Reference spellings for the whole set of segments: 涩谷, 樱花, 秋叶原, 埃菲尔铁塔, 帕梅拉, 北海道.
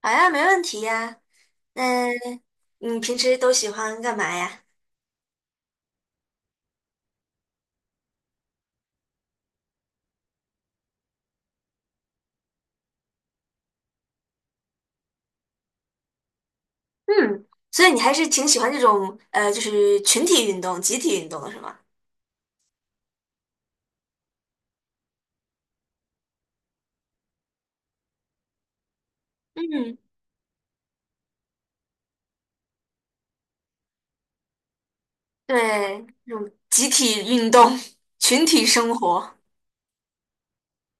好呀，没问题呀。那你平时都喜欢干嘛呀？嗯，所以你还是挺喜欢这种就是群体运动、集体运动的是吗？嗯，对，这种集体运动、群体生活。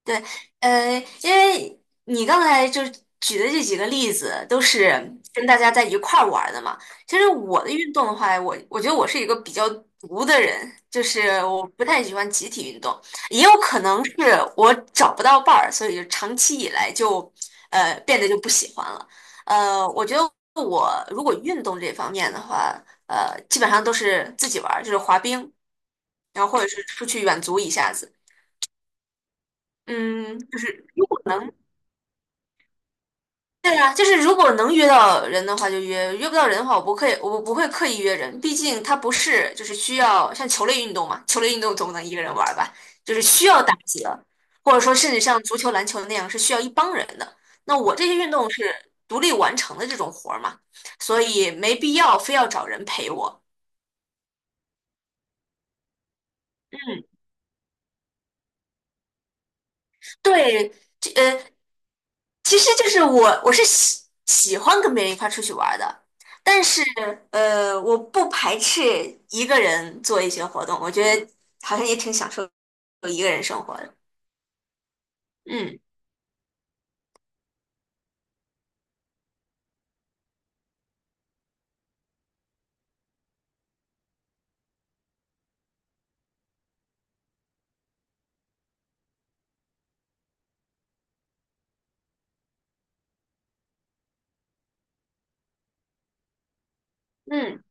对，呃，因为你刚才就举的这几个例子都是跟大家在一块儿玩儿的嘛。其实我的运动的话，我觉得我是一个比较独的人，就是我不太喜欢集体运动，也有可能是我找不到伴儿，所以就长期以来就变得就不喜欢了。我觉得我如果运动这方面的话，基本上都是自己玩儿，就是滑冰，然后或者是出去远足一下子。嗯，就是如果能。对呀，就是如果能约到人的话就约，约不到人的话我不刻意，我不会刻意约人，毕竟它不是就是需要像球类运动嘛，球类运动总不能一个人玩儿吧，就是需要打几个，或者说甚至像足球、篮球那样是需要一帮人的。那我这些运动是独立完成的这种活儿嘛，所以没必要非要找人陪我。嗯，对，这呃，其实就是我是喜欢跟别人一块儿出去玩儿的，但是我不排斥一个人做一些活动，我觉得好像也挺享受一个人生活的。嗯嗯，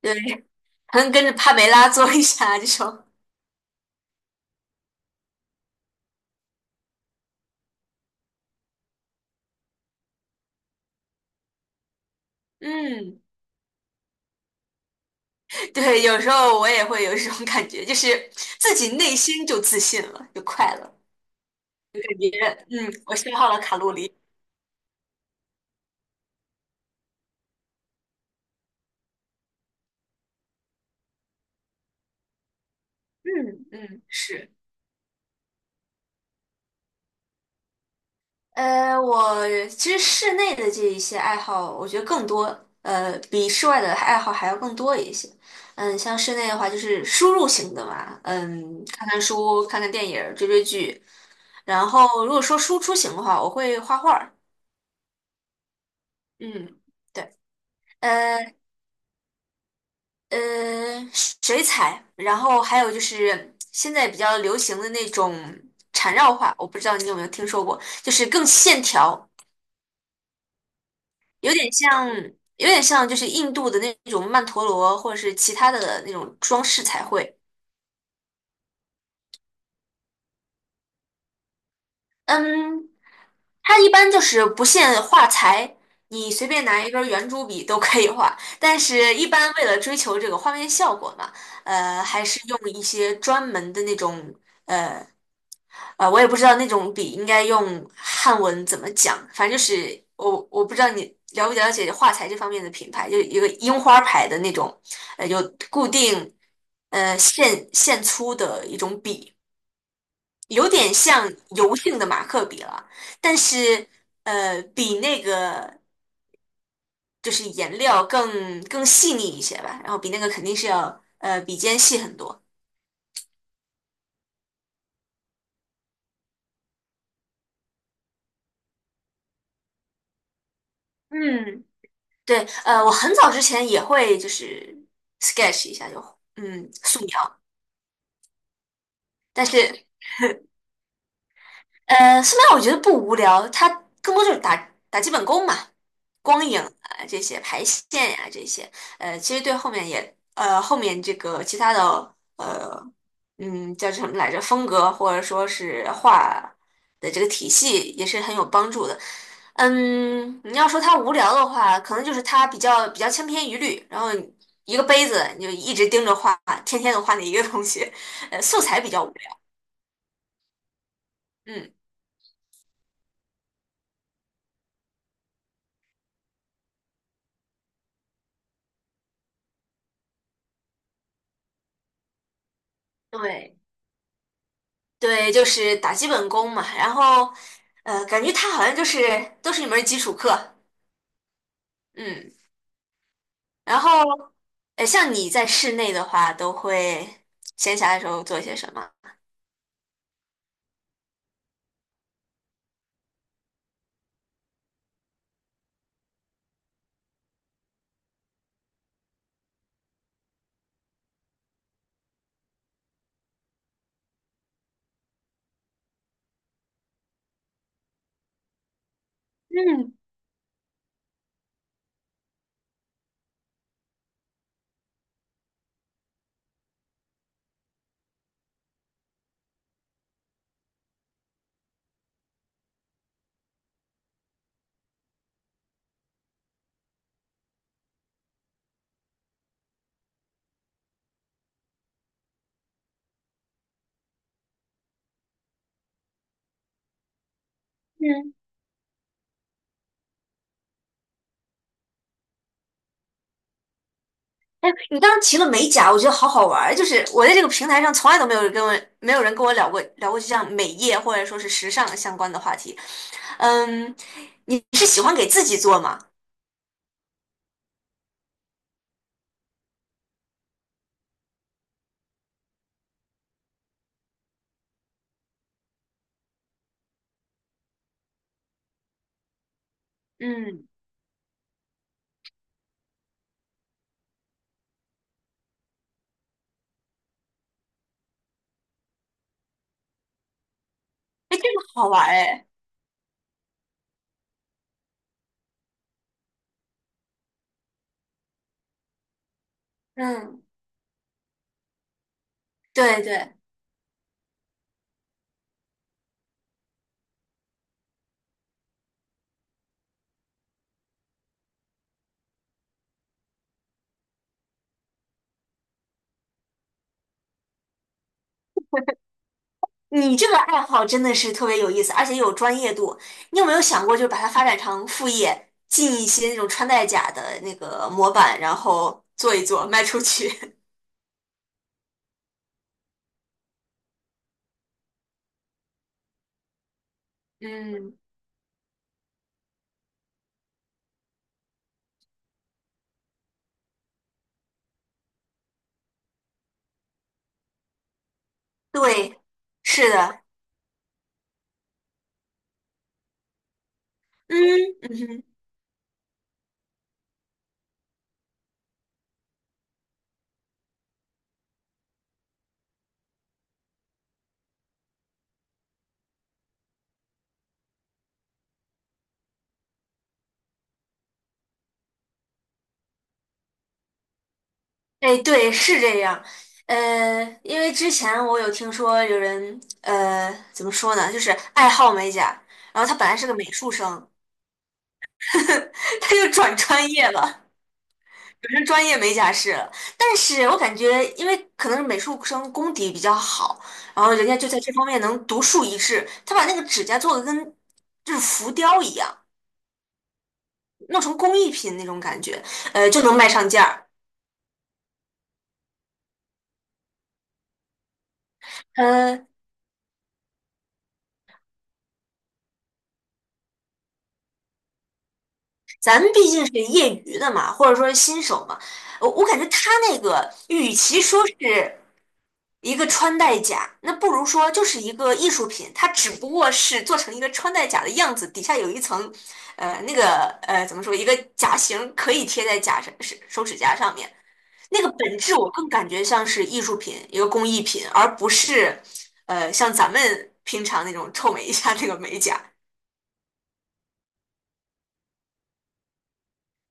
对，好能跟着帕梅拉做一下这种。嗯，对，有时候我也会有一种感觉，就是自己内心就自信了，就快乐，别人，我消耗了卡路里。嗯嗯，是。我其实室内的这一些爱好，我觉得更多，比室外的爱好还要更多一些。像室内的话，就是输入型的嘛，看看书、看看电影儿追追剧。然后，如果说输出型的话，我会画画儿。嗯，对，呃呃，水彩，然后还有就是现在比较流行的那种缠绕画，我不知道你有没有听说过，就是更线条。有点像，有点像就是印度的那种曼陀罗，或者是其他的那种装饰彩绘。嗯，它一般就是不限画材，你随便拿一根圆珠笔都可以画。但是，一般为了追求这个画面效果嘛，还是用一些专门的那种。呃我也不知道那种笔应该用汉文怎么讲，反正就是我不知道你了不了解画材这方面的品牌，就一个樱花牌的那种，有固定线粗的一种笔，有点像油性的马克笔了，但是比那个就是颜料更细腻一些吧，然后比那个肯定是要笔尖细很多。嗯，对，我很早之前也会就是 sketch 一下就，素描。但是，素描我觉得不无聊，它更多就是打打基本功嘛，光影啊这些，排线呀、这些，其实对后面也，后面这个其他的，叫什么来着，风格或者说是画的这个体系也是很有帮助的。你要说他无聊的话，可能就是他比较千篇一律，然后一个杯子你就一直盯着画，天天都画那一个东西，素材比较无聊。嗯，对对，就是打基本功嘛，然后感觉他好像就是都是一门儿基础课。嗯，然后像你在室内的话，都会闲暇的时候做些什么？嗯嗯。哎，你刚刚提了美甲，我觉得好好玩儿。就是我在这个平台上从来都没有人跟我聊过就像美业或者说是时尚相关的话题。嗯，你是喜欢给自己做吗？嗯，哎，这个好玩儿哎。嗯，对对，你这个爱好真的是特别有意思，而且有专业度。你有没有想过，就是把它发展成副业，进一些那种穿戴甲的那个模板，然后做一做，卖出去？嗯，对，是的。嗯嗯哎，对，是这样。因为之前我有听说有人，怎么说呢，就是爱好美甲，然后他本来是个美术生，他就转专业了，转成专业美甲师了。但是我感觉，因为可能是美术生功底比较好，然后人家就在这方面能独树一帜，他把那个指甲做的跟就是浮雕一样，弄成工艺品那种感觉，就能卖上价儿。呃，咱们毕竟是业余的嘛，或者说是新手嘛，我感觉他那个与其说是一个穿戴甲，那不如说就是一个艺术品，它只不过是做成一个穿戴甲的样子，底下有一层，那个怎么说，一个甲型可以贴在甲上是手指甲上面，那个本质我更感觉像是艺术品，一个工艺品，而不是像咱们平常那种臭美一下那个美甲。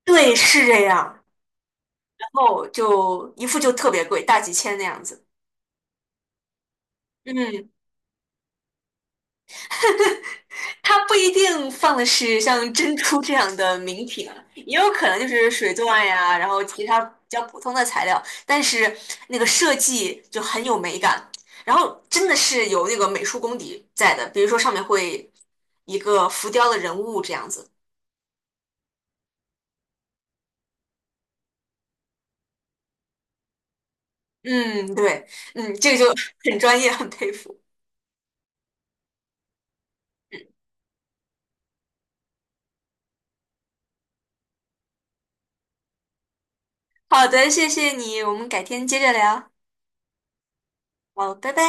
对，是这样。后就一副就特别贵，大几千那样子。嗯，它不一定放的是像珍珠这样的名品啊，也有可能就是水钻呀，然后其他比较普通的材料，但是那个设计就很有美感，然后真的是有那个美术功底在的，比如说上面会一个浮雕的人物这样子。嗯，对，这个就很专业，很佩服。好的，谢谢你，我们改天接着聊。好，拜拜。